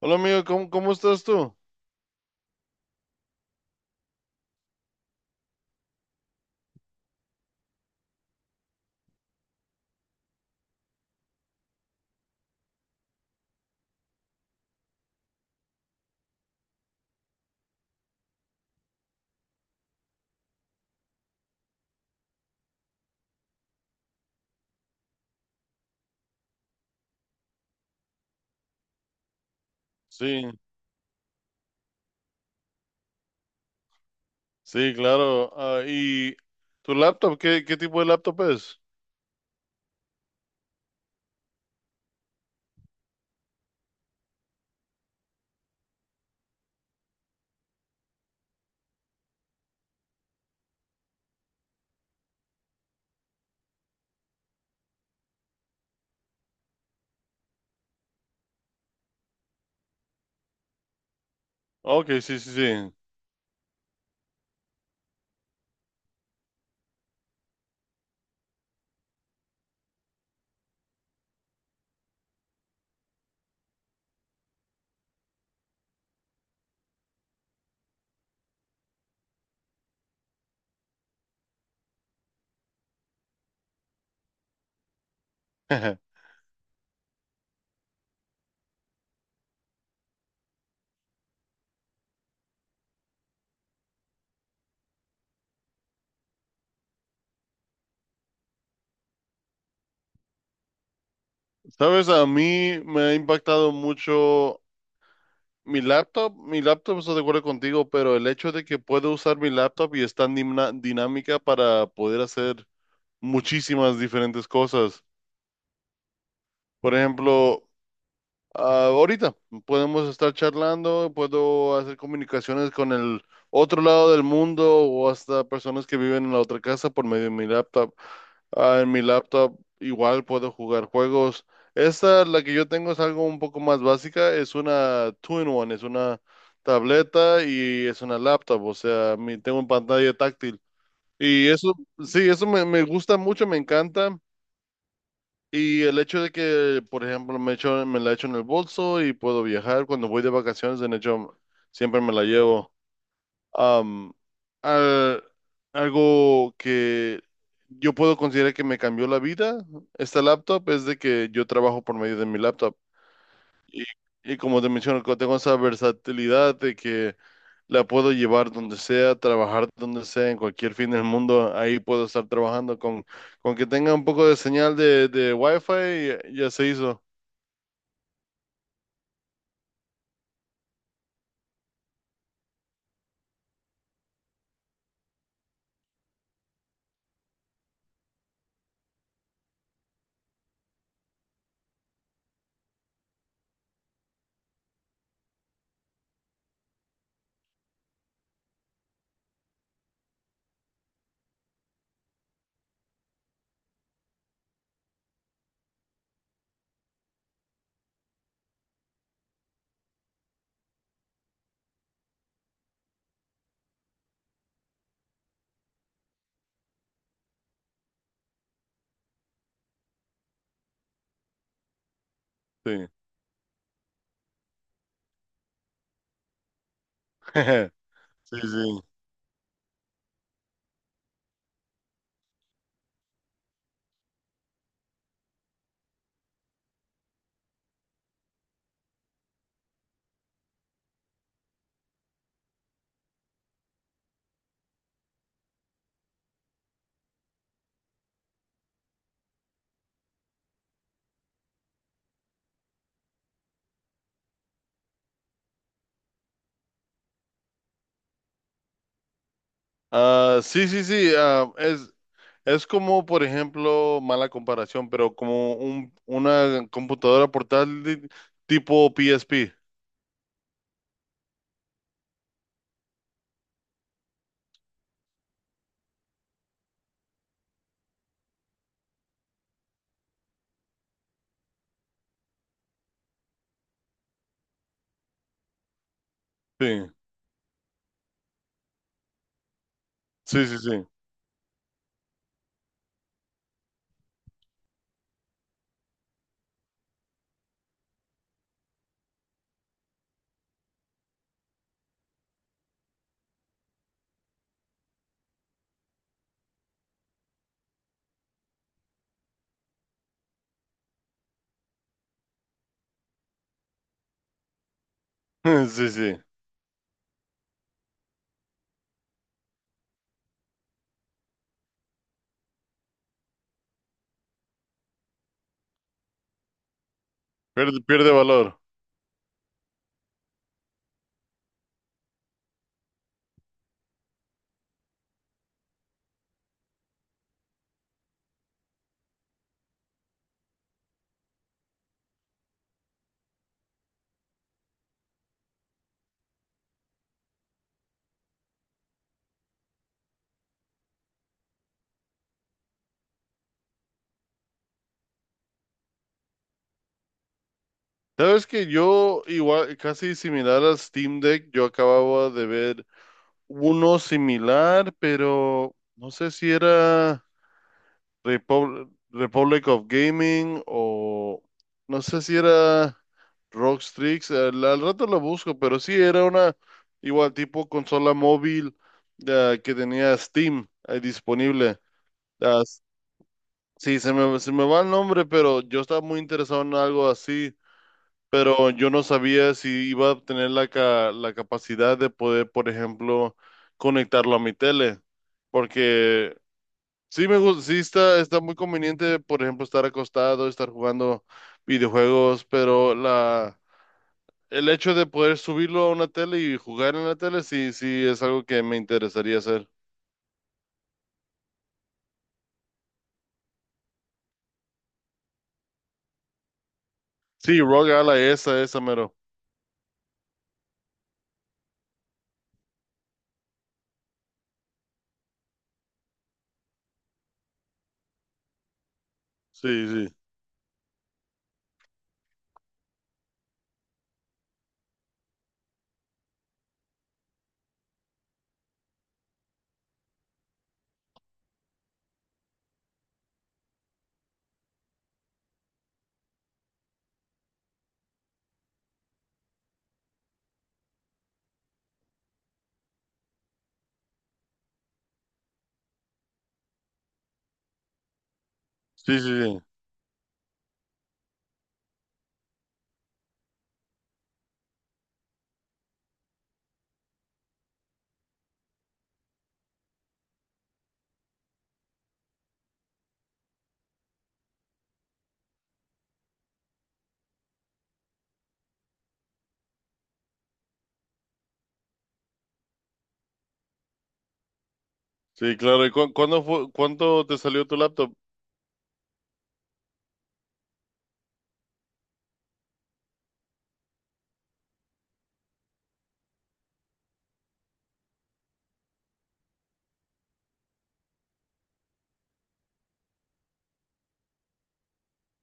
Hola amigo, ¿cómo estás tú? Sí, sí, claro. Ah, ¿y tu laptop? ¿Qué tipo de laptop es? Ok, sí, sí, sí. Sabes, a mí me ha impactado mucho mi laptop. Mi laptop, estoy de acuerdo contigo, pero el hecho de que puedo usar mi laptop y es tan dinámica para poder hacer muchísimas diferentes cosas. Por ejemplo, ahorita podemos estar charlando, puedo hacer comunicaciones con el otro lado del mundo o hasta personas que viven en la otra casa por medio de mi laptop. Ah, en mi laptop igual puedo jugar juegos. Esta, la que yo tengo, es algo un poco más básica. Es una two-in-one, es una tableta y es una laptop. O sea, tengo una pantalla táctil. Y eso, sí, eso me gusta mucho, me encanta. Y el hecho de que, por ejemplo, me echo, me la echo en el bolso y puedo viajar cuando voy de vacaciones, de hecho, siempre me la llevo. Am, al- algo que yo puedo considerar que me cambió la vida, esta laptop, es de que yo trabajo por medio de mi laptop. Y, y como te menciono, tengo esa versatilidad de que la puedo llevar donde sea, trabajar donde sea, en cualquier fin del mundo. Ahí puedo estar trabajando con que tenga un poco de señal de Wi-Fi, ya, ya se hizo. Sí. Sí, sí. Ah, sí, sí, sí. Es como, por ejemplo, mala comparación, pero como un, una computadora portátil tipo PSP. Sí, sí, sí, sí. Sí, sí. Pierde, pierde valor. Sabes que yo, igual, casi similar a Steam Deck, yo acababa de ver uno similar, pero no sé si era Republic of Gaming o no sé si era Rockstrix. Al rato lo busco, pero sí era una igual tipo consola móvil que tenía Steam ahí disponible. Las- sí, se me va el nombre, pero yo estaba muy interesado en algo así, pero yo no sabía si iba a tener la capacidad de poder, por ejemplo, conectarlo a mi tele, porque sí me gusta, sí está, está muy conveniente, por ejemplo, estar acostado, estar jugando videojuegos, pero el hecho de poder subirlo a una tele y jugar en la tele, sí, sí es algo que me interesaría hacer. Sí, Rogue Ally, esa, mero. Sí, sí, sí, sí, sí, sí, claro. ¿Y cuándo fue, cuánto te salió tu laptop?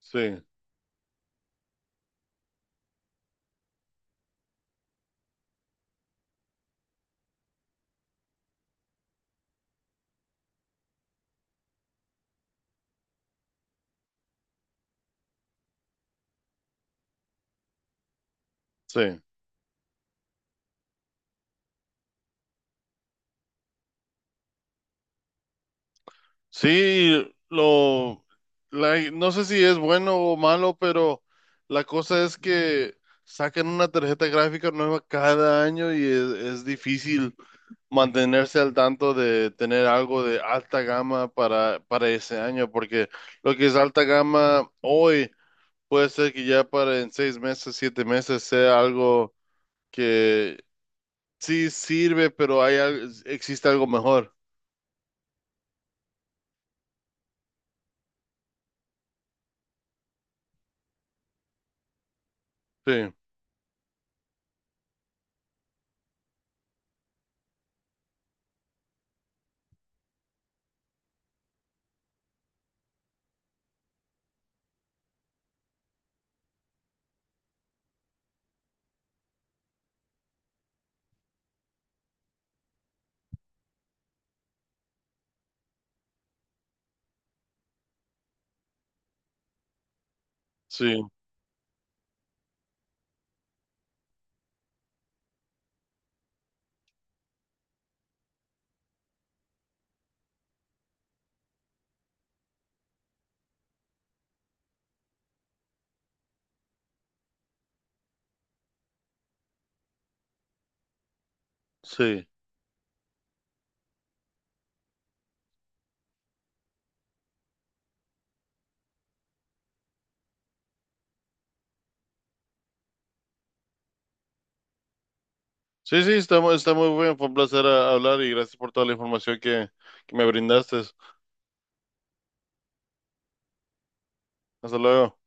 Sí, sí. Sí, no sé si es bueno o malo, pero la cosa es que sacan una tarjeta gráfica nueva cada año y es difícil mantenerse al tanto de tener algo de alta gama para ese año, porque lo que es alta gama hoy puede ser que ya para en 6 meses, 7 meses sea algo que sí sirve, pero existe algo mejor. Sí, sí, sí. Sí, sí, está, está muy bien. Fue un placer hablar y gracias por toda la información que me brindaste. Hasta luego.